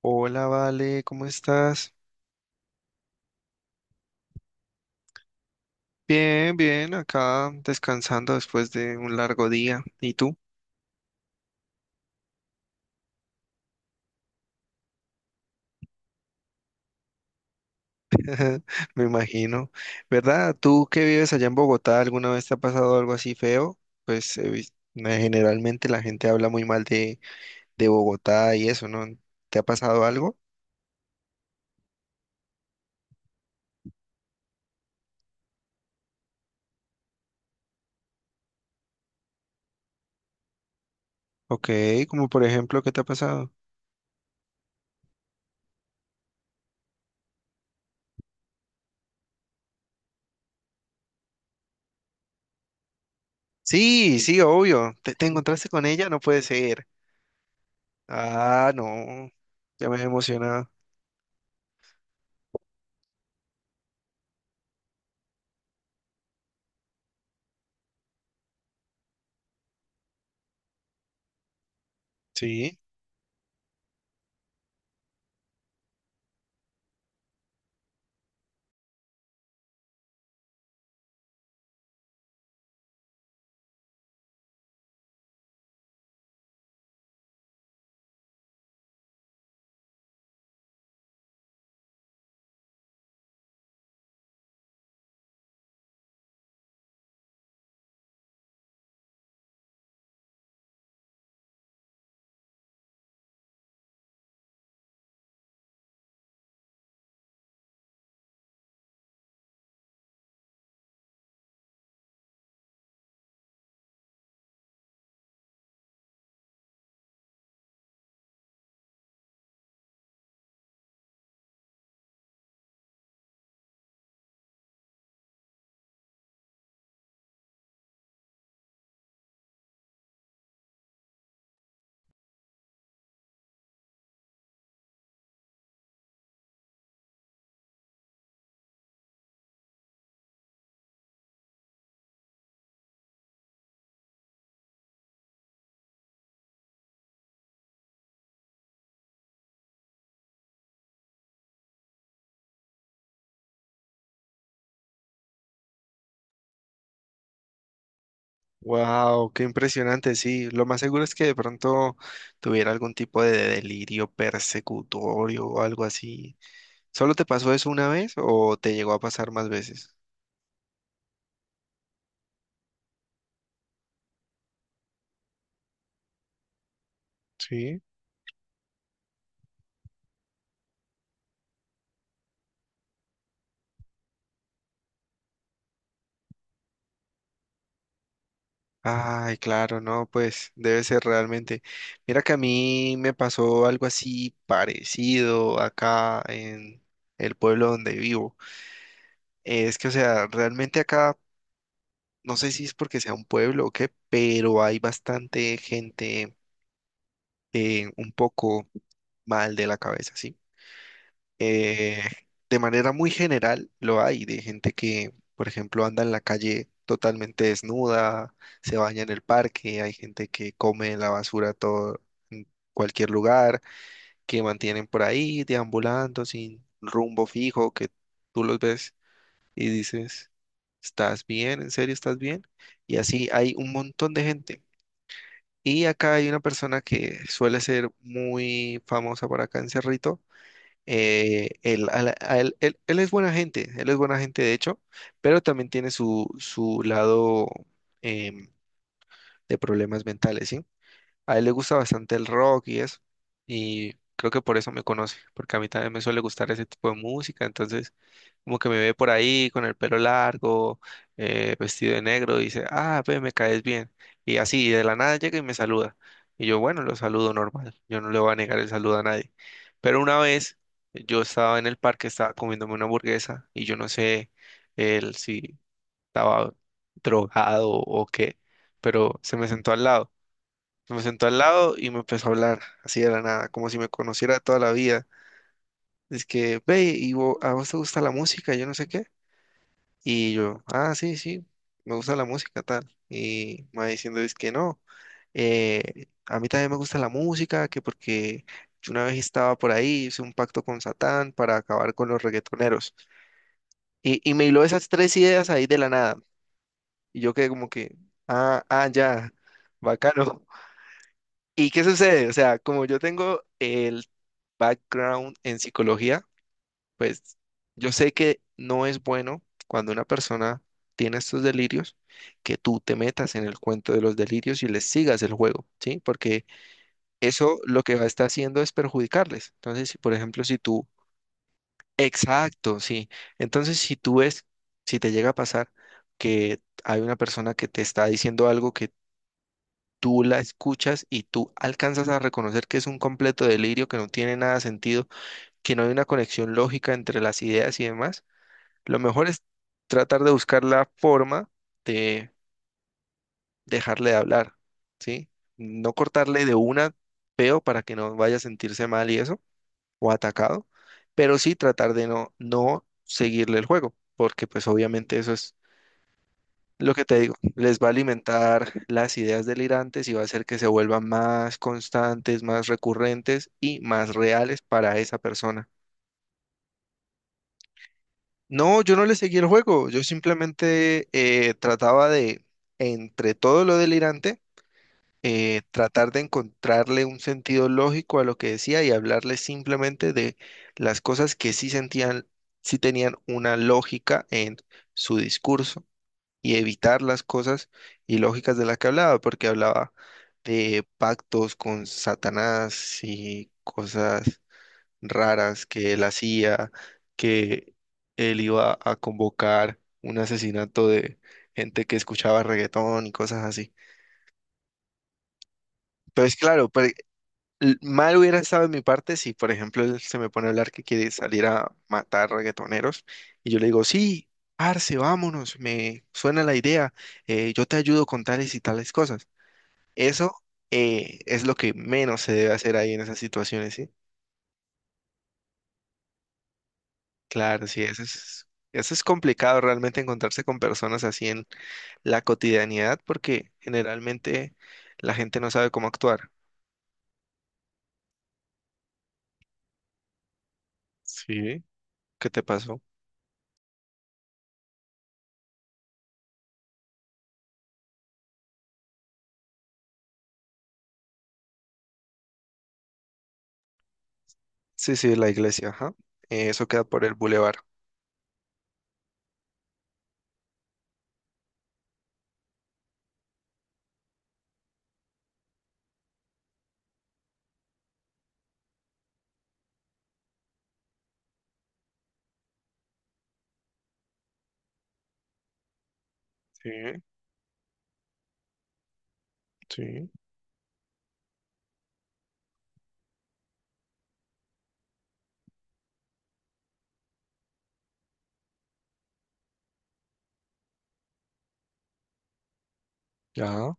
Hola, Vale, ¿cómo estás? Bien, bien, acá descansando después de un largo día. ¿Y tú? Me imagino. ¿Verdad? ¿Tú que vives allá en Bogotá, alguna vez te ha pasado algo así feo? Pues generalmente la gente habla muy mal de Bogotá y eso, ¿no? ¿Te ha pasado algo? Ok, como por ejemplo, ¿qué te ha pasado? Sí, sí, obvio. ¿Te encontraste con ella? No puede ser. Ah, no. Ya me he emocionado. Sí. Wow, qué impresionante, sí. Lo más seguro es que de pronto tuviera algún tipo de delirio persecutorio o algo así. ¿Solo te pasó eso una vez o te llegó a pasar más veces? Sí. Ay, claro, no, pues debe ser realmente. Mira que a mí me pasó algo así parecido acá en el pueblo donde vivo. Es que, o sea, realmente acá, no sé si es porque sea un pueblo o qué, pero hay bastante gente un poco mal de la cabeza, ¿sí? Eh, de manera muy general lo hay, de gente que, por ejemplo, anda en la calle totalmente desnuda, se baña en el parque, hay gente que come la basura todo en cualquier lugar, que mantienen por ahí deambulando sin rumbo fijo, que tú los ves y dices, ¿estás bien? ¿En serio estás bien? Y así hay un montón de gente. Y acá hay una persona que suele ser muy famosa por acá en Cerrito. Él, a la- a él- él- él es buena gente, él es buena gente de hecho, pero también tiene su, su lado em, de problemas mentales, ¿sí? A él le gusta bastante el rock y eso, y creo que por eso me conoce, porque a mí también me suele gustar ese tipo de música, entonces como que me ve por ahí con el pelo largo, vestido de negro, y dice, ah, ve, me caes bien. Y así, de la nada llega y me saluda. Y yo, bueno, lo saludo normal. Yo no le voy a negar el saludo a nadie. Pero una vez yo estaba en el parque, estaba comiéndome una hamburguesa y yo no sé él si estaba drogado o qué, pero se me sentó al lado. Se me sentó al lado y me empezó a hablar así de la nada, como si me conociera de toda la vida. Es que, ve, y a vos te gusta la música, yo no sé qué. Y yo, ah, sí, sí, me gusta la música, tal. Y me va diciendo, es que no, a mí también me gusta la música, que porque yo una vez estaba por ahí, hice un pacto con Satán para acabar con los reggaetoneros. Y me hiló esas tres ideas ahí de la nada. Y yo quedé como que, ah, ah, ya, bacano. ¿Y qué sucede? O sea, como yo tengo el background en psicología, pues yo sé que no es bueno cuando una persona tiene estos delirios que tú te metas en el cuento de los delirios y les sigas el juego, ¿sí? Porque eso lo que va a estar haciendo es perjudicarles. Entonces, si, por ejemplo, si tú... Exacto, sí. Entonces, si tú ves, si te llega a pasar que hay una persona que te está diciendo algo que tú la escuchas y tú alcanzas a reconocer que es un completo delirio, que no tiene nada de sentido, que no hay una conexión lógica entre las ideas y demás, lo mejor es tratar de buscar la forma de dejarle de hablar, ¿sí? No cortarle de una peo para que no vaya a sentirse mal y eso, o atacado, pero sí tratar de no seguirle el juego, porque pues obviamente eso es lo que te digo, les va a alimentar las ideas delirantes y va a hacer que se vuelvan más constantes, más recurrentes y más reales para esa persona. No, yo no le seguí el juego, yo simplemente trataba de, entre todo lo delirante, tratar de encontrarle un sentido lógico a lo que decía y hablarle simplemente de las cosas que sí sentían, sí tenían una lógica en su discurso y evitar las cosas ilógicas de las que hablaba, porque hablaba de pactos con Satanás y cosas raras que él hacía, que él iba a convocar un asesinato de gente que escuchaba reggaetón y cosas así. Pues claro, pero mal hubiera estado en mi parte si, por ejemplo, él se me pone a hablar que quiere salir a matar reggaetoneros y yo le digo, sí, parce, vámonos, me suena la idea, yo te ayudo con tales y tales cosas. Eso es lo que menos se debe hacer ahí en esas situaciones, ¿sí? Claro, sí, eso es complicado realmente encontrarse con personas así en la cotidianidad porque generalmente la gente no sabe cómo actuar. Sí, ¿qué te pasó? Sí, sí, la iglesia, ajá. Eso queda por el bulevar. Sí, sí, ya.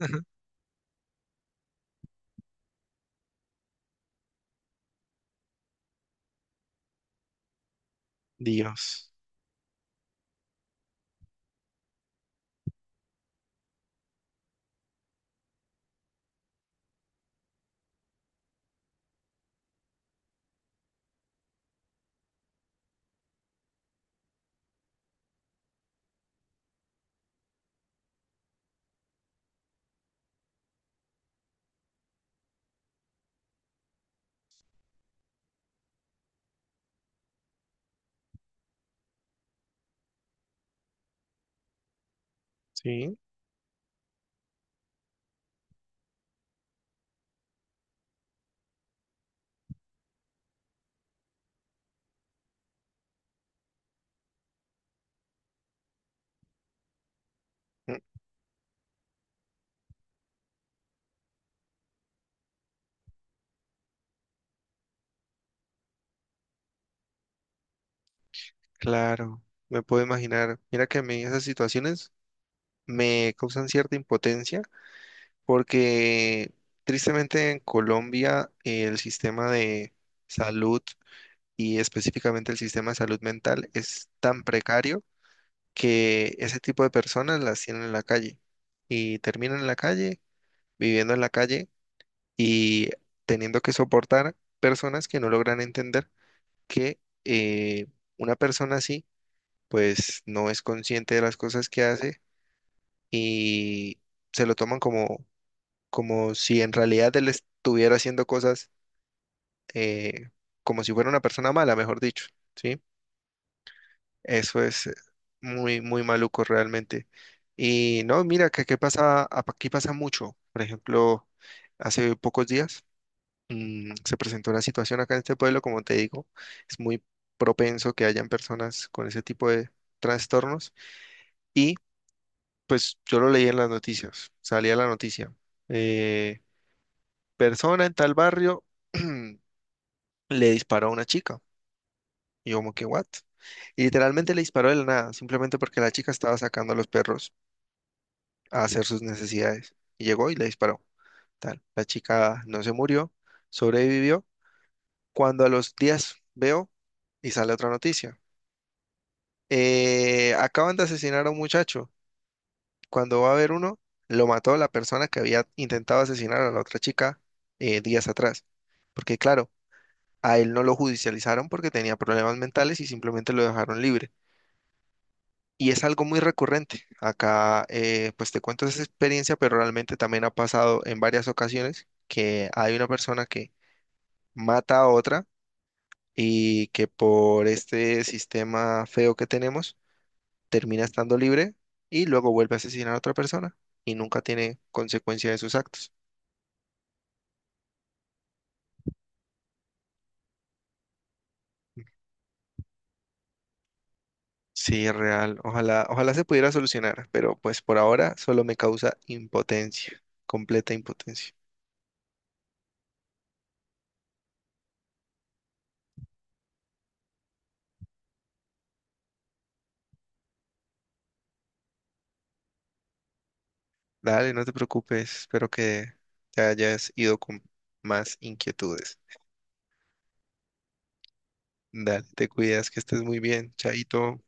Ajá. Dios. Sí, mm, claro, me puedo imaginar. Mira que a mí esas situaciones me causan cierta impotencia porque tristemente en Colombia el sistema de salud y específicamente el sistema de salud mental es tan precario que ese tipo de personas las tienen en la calle y terminan en la calle, viviendo en la calle y teniendo que soportar personas que no logran entender que eh, una persona así pues no es consciente de las cosas que hace y se lo toman como, como si en realidad él estuviera haciendo cosas eh, como si fuera una persona mala, mejor dicho, ¿sí? Eso es muy, muy maluco realmente. Y no, mira, que aquí pasa mucho. Por ejemplo, hace pocos días mm, se presentó una situación acá en este pueblo, como te digo, es muy propenso que hayan personas con ese tipo de trastornos. Y pues yo lo leí en las noticias, salía la noticia. eh, Persona en tal barrio le disparó a una chica. Y yo como que, ¿what? Y literalmente le disparó de la nada, simplemente porque la chica estaba sacando a los perros a hacer sus necesidades. Y llegó y le disparó. Tal. La chica no se murió, sobrevivió. Cuando a los días veo y sale otra noticia. Acaban de asesinar a un muchacho. Cuando va a ver uno, lo mató la persona que había intentado asesinar a la otra chica días atrás. Porque claro, a él no lo judicializaron porque tenía problemas mentales y simplemente lo dejaron libre. Y es algo muy recurrente. Acá, pues te cuento esa experiencia, pero realmente también ha pasado en varias ocasiones que hay una persona que mata a otra y que por este sistema feo que tenemos termina estando libre y luego vuelve a asesinar a otra persona y nunca tiene consecuencia de sus actos. Sí, es real. Ojalá, ojalá se pudiera solucionar, pero pues por ahora solo me causa impotencia, completa impotencia. Dale, no te preocupes. Espero que te hayas ido con más inquietudes. Dale, te cuidas, que estés muy bien. Chaito.